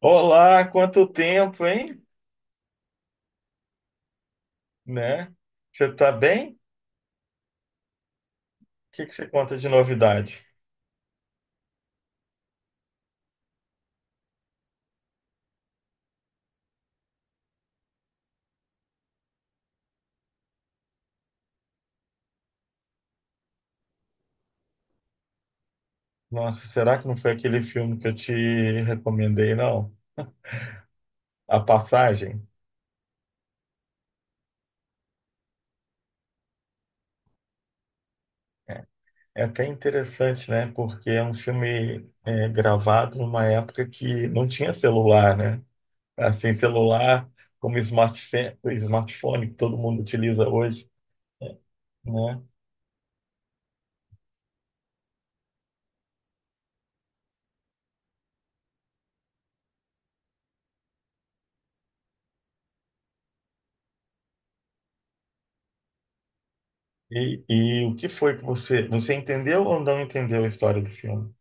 Olá, quanto tempo, hein? Né? Você tá bem? O que que você conta de novidade? Nossa, será que não foi aquele filme que eu te recomendei, não? A Passagem? É até interessante, né? Porque é um filme gravado numa época que não tinha celular, né? Assim, celular como smartphone, smartphone que todo mundo utiliza hoje, né? E o que foi que Você entendeu ou não entendeu a história do filme?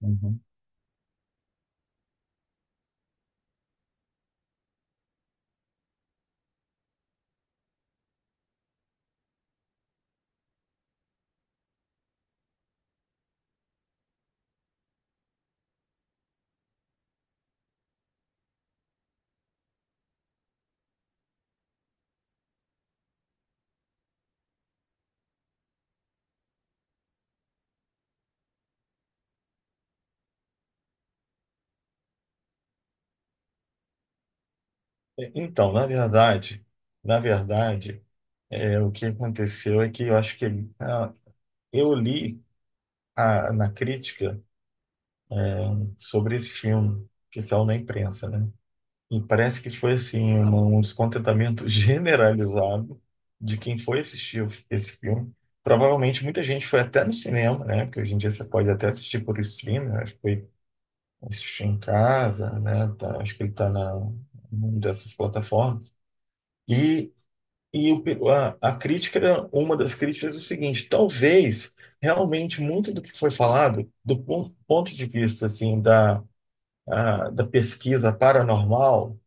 Uhum. Então, na verdade, na verdade, o que aconteceu é que eu acho que ah, eu li na crítica sobre esse filme que saiu na imprensa, né? E parece que foi assim um descontentamento generalizado de quem foi assistir esse filme. Provavelmente muita gente foi até no cinema, né? Porque hoje em dia você pode até assistir por streaming, né? Acho que foi assistir em casa, né? Acho que ele está na numa dessas plataformas. E E a crítica, uma das críticas é o seguinte, talvez realmente muito do que foi falado, do ponto de vista assim da pesquisa paranormal,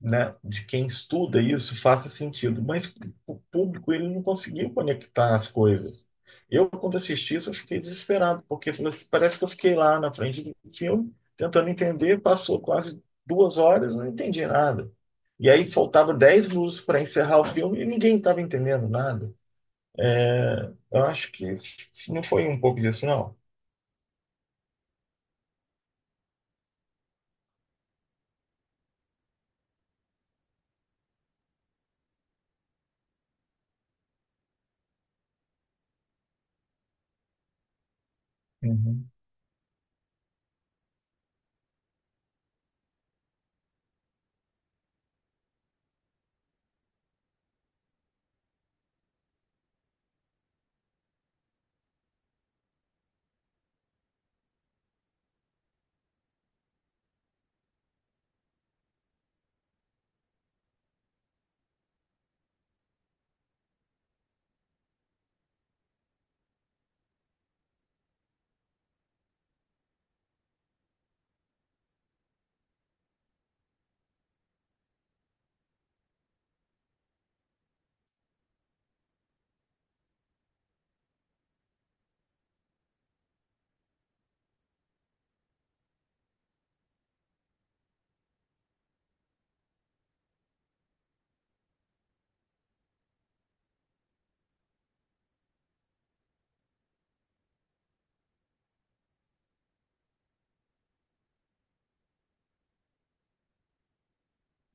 né, de quem estuda isso faça sentido, mas o público ele não conseguiu conectar as coisas. Eu, quando assisti isso, eu fiquei desesperado, porque assim, parece que eu fiquei lá na frente do filme, tentando entender, passou quase 2 horas, não entendi nada. E aí faltava 10 minutos para encerrar o filme e ninguém estava entendendo nada. É, eu acho que não foi um pouco disso, não. Uhum.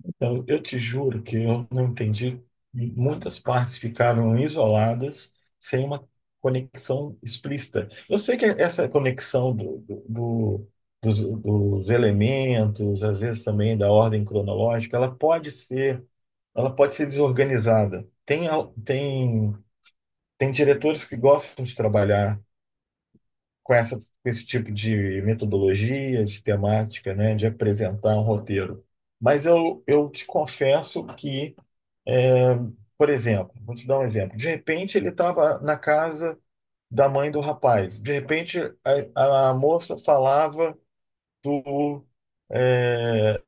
Então, eu te juro que eu não entendi. Muitas partes ficaram isoladas, sem uma conexão explícita. Eu sei que essa conexão dos elementos, às vezes também da ordem cronológica, ela pode ser desorganizada. Tem diretores que gostam de trabalhar com esse tipo de metodologia, de temática, né, de apresentar um roteiro. Mas eu te confesso que por exemplo, vou te dar um exemplo. De repente ele estava na casa da mãe do rapaz. De repente a moça falava do é,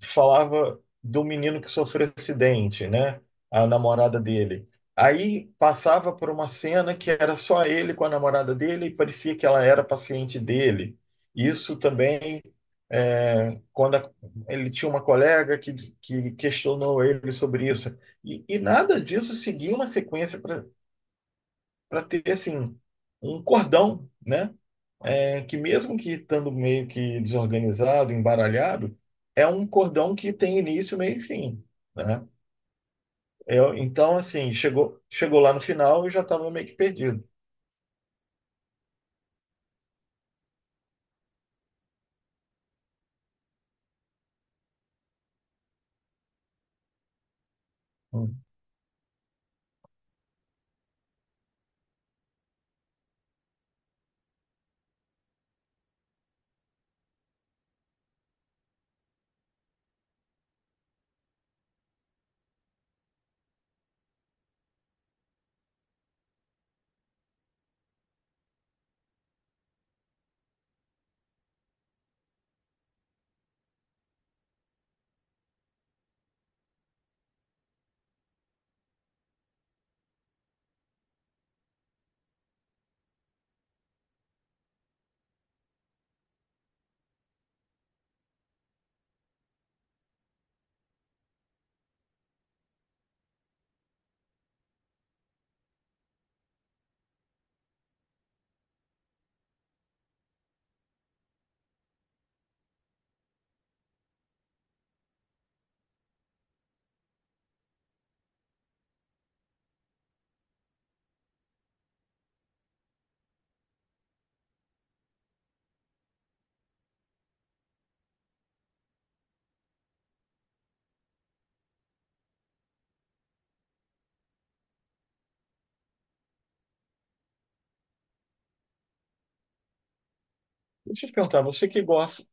falava do menino que sofreu acidente, né? A namorada dele. Aí passava por uma cena que era só ele com a namorada dele e parecia que ela era paciente dele. Isso também quando ele tinha uma colega que questionou ele sobre isso. E nada disso seguia uma sequência para ter assim um cordão, né? É, que mesmo que estando meio que desorganizado, embaralhado, é um cordão que tem início, meio e fim, né? Eu, então, assim, chegou lá no final e já estava meio que perdido. Hum. Deixa eu te perguntar,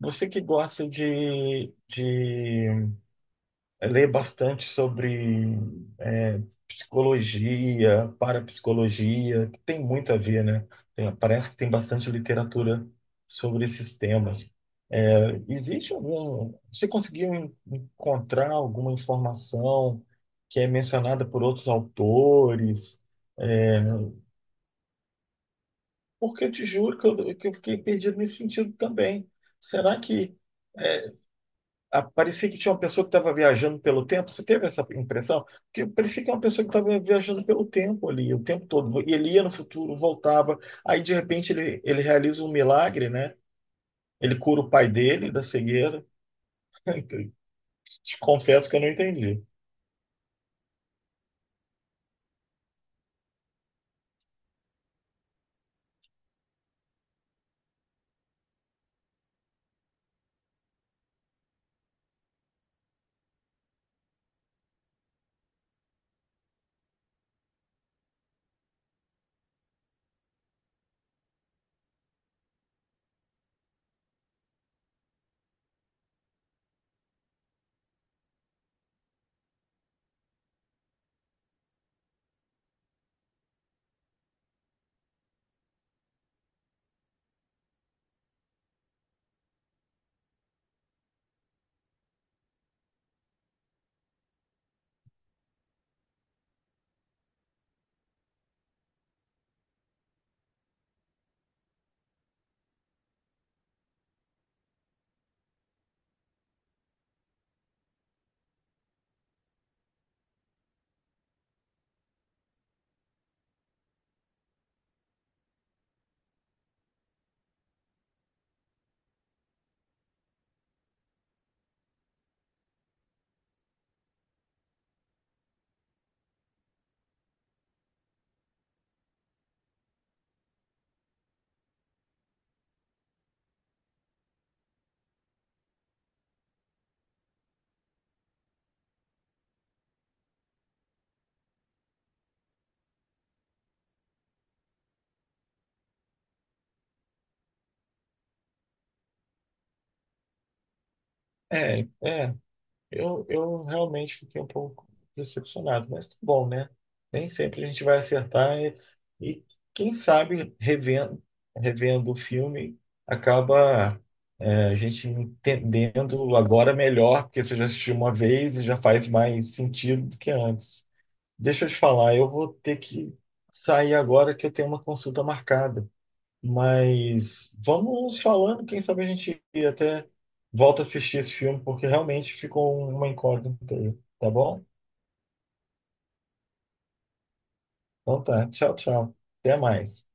você que gosta de Eu leio bastante sobre é, psicologia, parapsicologia, que tem muito a ver, né? Parece que tem bastante literatura sobre esses temas. É, Existe algum. Você conseguiu encontrar alguma informação que é mencionada por outros autores? Porque eu te juro que que eu fiquei perdido nesse sentido também. Será que parecia que tinha uma pessoa que estava viajando pelo tempo. Você teve essa impressão? Porque parecia que era uma pessoa que estava viajando pelo tempo ali, o tempo todo. E ele ia no futuro, voltava. Aí, de repente, ele realiza um milagre, né? Ele cura o pai dele da cegueira. Te confesso que eu não entendi. É, é. Eu realmente fiquei um pouco decepcionado, mas tá bom, né? Nem sempre a gente vai acertar e quem sabe revendo o filme acaba a gente entendendo agora melhor, porque você já assistiu uma vez e já faz mais sentido do que antes. Deixa eu te falar, eu vou ter que sair agora que eu tenho uma consulta marcada. Mas vamos falando, quem sabe a gente até volta a assistir esse filme, porque realmente ficou uma incógnita aí, tá bom? Então tá, tchau, tchau. Até mais.